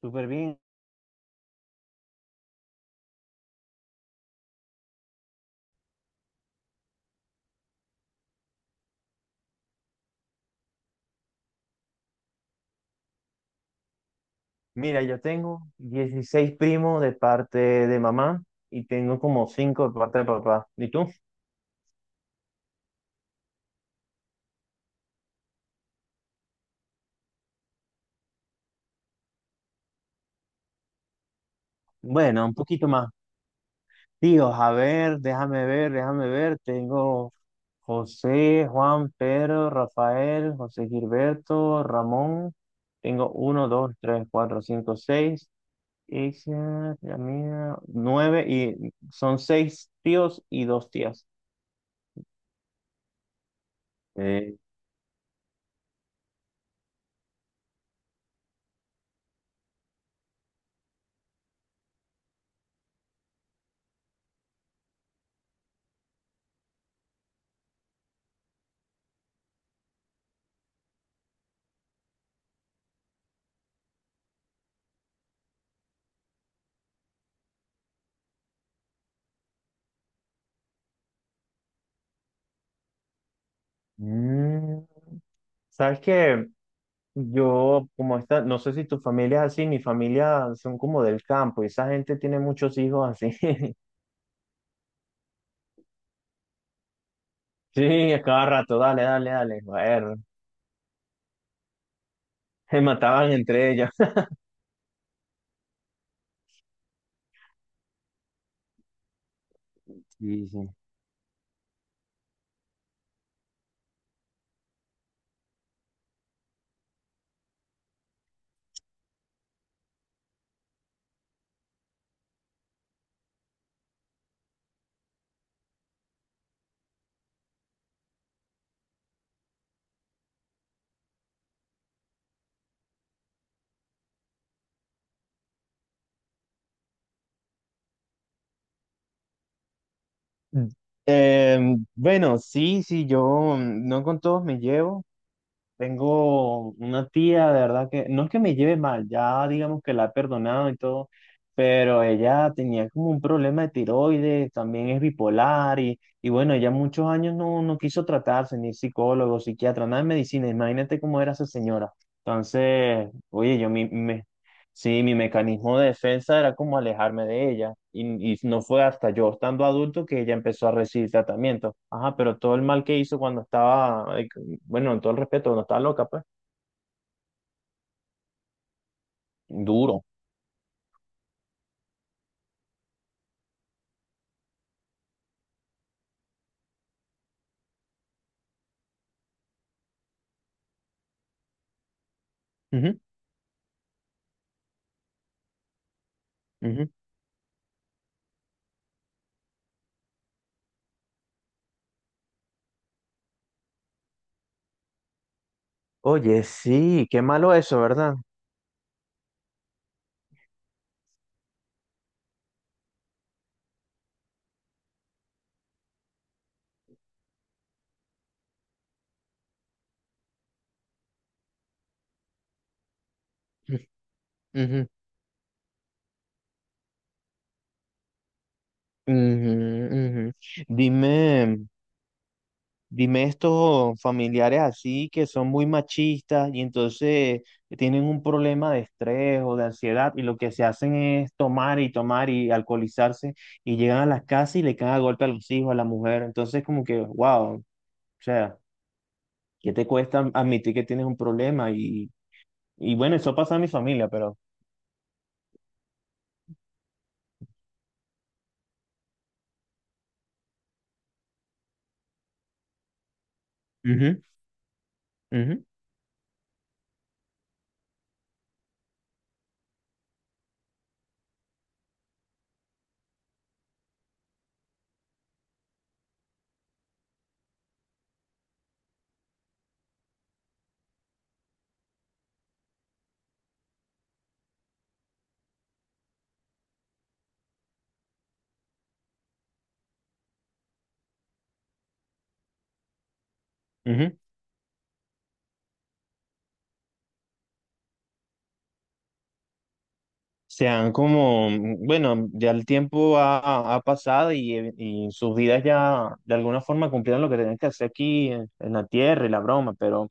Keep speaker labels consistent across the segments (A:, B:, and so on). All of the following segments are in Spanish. A: Súper bien. Mira, yo tengo 16 primos de parte de mamá y tengo como 5 de parte de papá. ¿Y tú? Bueno, un poquito más. Tíos, a ver, déjame ver, déjame ver. Tengo José, Juan, Pedro, Rafael, José Gilberto, Ramón. Tengo uno, dos, tres, cuatro, cinco, seis. Ella, la mía, nueve y son seis tíos y dos tías. Eh, mm, ¿Sabes qué? Yo, como esta, no sé si tu familia es así, mi familia son como del campo y esa gente tiene muchos hijos así. Sí, a cada rato, dale, dale, dale. Bueno, se mataban entre ellos. Sí, sí. Mm. Bueno, sí, sí, yo no con todos me llevo. Tengo una tía, de verdad que no es que me lleve mal, ya digamos que la he perdonado y todo, pero ella tenía como un problema de tiroides, también es bipolar y bueno, ella muchos años no quiso tratarse, ni psicólogo, psiquiatra, nada de medicina, imagínate cómo era esa señora. Entonces, oye, yo me, me sí, mi mecanismo de defensa era como alejarme de ella. Y no fue hasta yo estando adulto que ella empezó a recibir tratamiento. Ajá, pero todo el mal que hizo cuando estaba, bueno, en todo el respeto, cuando estaba loca, pues. Duro. Ujú, ujú. Oye, sí, qué malo eso, ¿verdad? Ujú, ujú, ujú. Dime. Dime estos familiares así que son muy machistas y entonces tienen un problema de estrés o de ansiedad y lo que se hacen es tomar y tomar y alcoholizarse y llegan a las casas y le caen a golpe a los hijos, a la mujer. Entonces como que, wow, o sea, ¿qué te cuesta admitir que tienes un problema? Y bueno, eso pasa en mi familia, pero... Ujú, ujú, ujú. Sean como, mm, bueno, ya el tiempo pasado y sus vidas ya de alguna forma cumplieron lo que tenían que hacer aquí en la tierra y la broma, pero...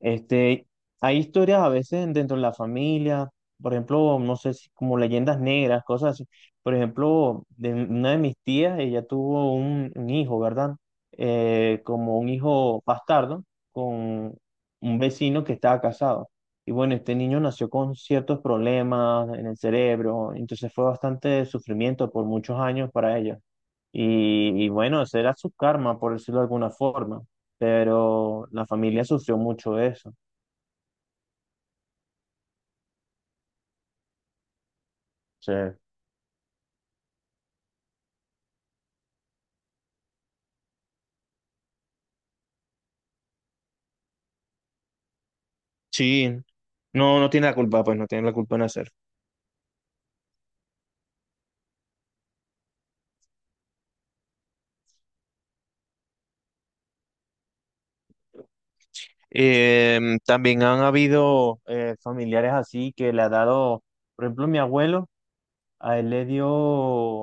A: Este, hay historias a veces dentro de la familia, por ejemplo, no sé si como leyendas negras, cosas así. Por ejemplo, de una de mis tías, ella tuvo un hijo, ¿verdad? Como un hijo bastardo con un vecino que estaba casado. Y bueno, este niño nació con ciertos problemas en el cerebro, entonces fue bastante sufrimiento por muchos años para ella. Y bueno, ese era su karma, por decirlo de alguna forma, pero la familia sufrió mucho eso. Sí, sí, no tiene la culpa, pues no tiene la culpa en hacer. También han habido familiares así que le ha dado, por ejemplo, mi abuelo, a él le dio,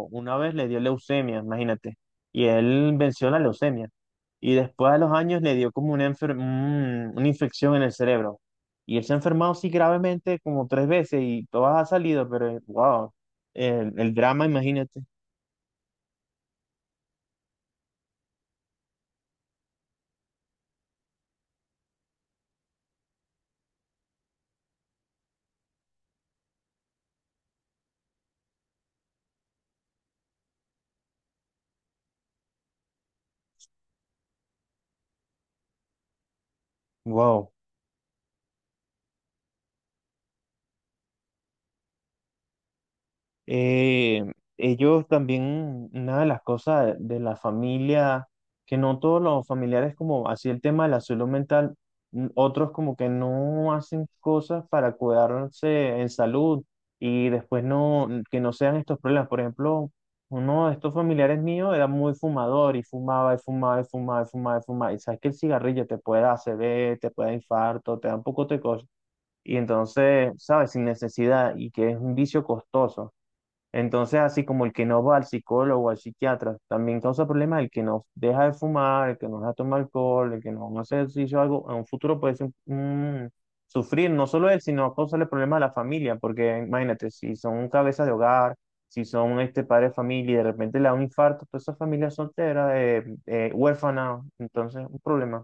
A: una vez le dio leucemia, imagínate, y él venció la leucemia. Y después de los años le dio como una, una infección en el cerebro. Y él se ha enfermado sí gravemente como tres veces y todas ha salido, pero wow, el drama, imagínate, wow. Eh, Ellos también, una de las cosas de la familia, que no todos los familiares como así el tema de la salud mental, otros como que no hacen cosas para cuidarse en salud y después no, que no sean estos problemas. Por ejemplo, uno de estos familiares míos era muy fumador y fumaba y fumaba y fumaba y fumaba y fumaba. Y sabes que el cigarrillo te puede dar ACV, te puede dar infarto, te da un poco de cosas. Y entonces, ¿sabes? Sin necesidad y que es un vicio costoso. Entonces, así como el que no va al psicólogo, o al psiquiatra, también causa problemas, el que no deja de fumar, el que no deja de tomar alcohol, el que no hace ejercicio, algo, en un futuro puede ser sufrir, no solo él, sino causarle problemas a la familia, porque imagínate, si son un cabeza de hogar, si son este padre de familia y de repente le da un infarto, toda esa familia es soltera, huérfana, entonces un problema.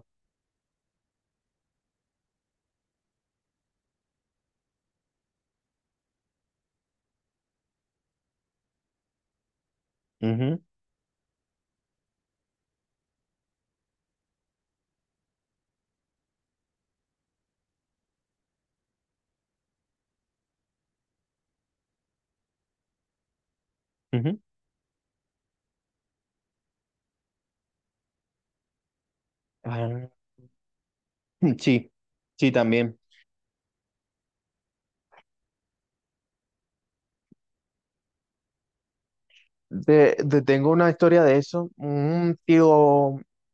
A: Ujú, ujú. Ah, sí, sí, también. Te tengo una historia de eso.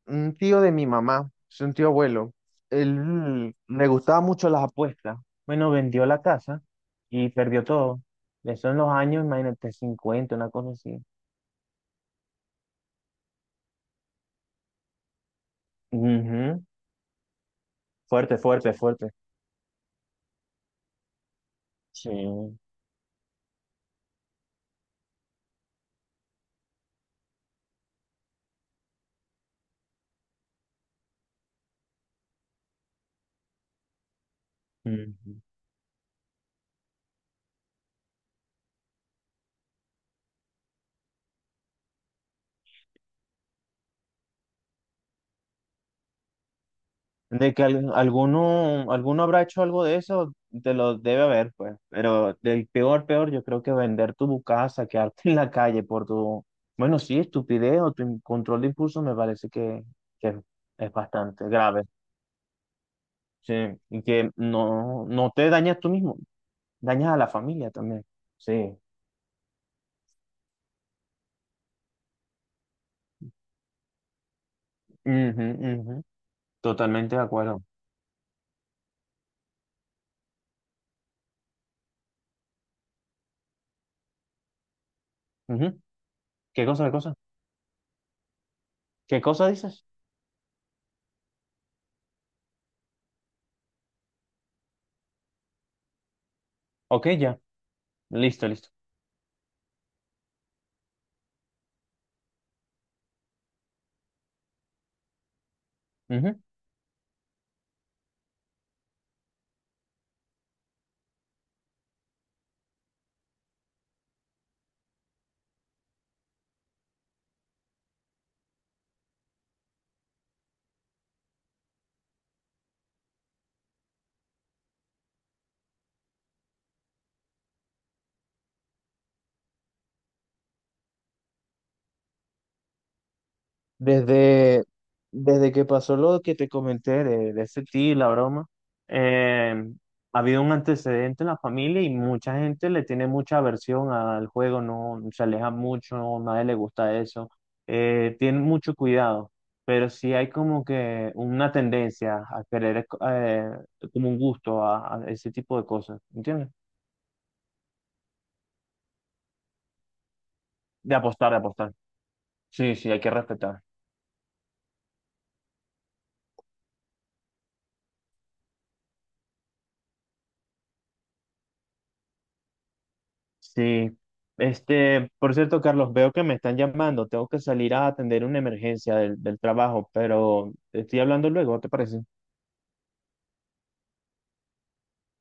A: Un tío de mi mamá, es un tío abuelo. Él le gustaba mucho las apuestas. Bueno, vendió la casa y perdió todo. Eso en los años, imagínate, 50 una cosa así. Ujú. Fuerte, fuerte, fuerte. Sí. Ujú. De que alguno habrá hecho algo de eso, te lo debe haber, pues. Pero del peor, peor, yo creo que vender tu casa, quedarte en la calle por tu, bueno, sí, estupidez o tu control de impulso me parece que es bastante grave. Sí, y que no, no te dañas tú mismo, dañas a la familia también. Sí. Ujú, ujú. Totalmente de acuerdo. Ujú. ¿Qué cosa, qué cosa? ¿Qué cosa dices? Ok, ya. Listo, listo. Ujú. Desde, Desde que pasó lo que te comenté de ese tío y la broma, eh, ha habido un antecedente en la familia y mucha gente le tiene mucha aversión al juego, no se aleja mucho, no, nadie le gusta eso, tienen mucho cuidado, pero sí hay como que una tendencia a querer, como un gusto a ese tipo de cosas, ¿entiendes? De apostar, de apostar. Sí, sí, hay que respetar. Sí. Este, por cierto, Carlos, veo que me están llamando. Tengo que salir a atender una emergencia del trabajo, pero estoy hablando luego, ¿te parece?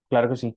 A: Claro que sí.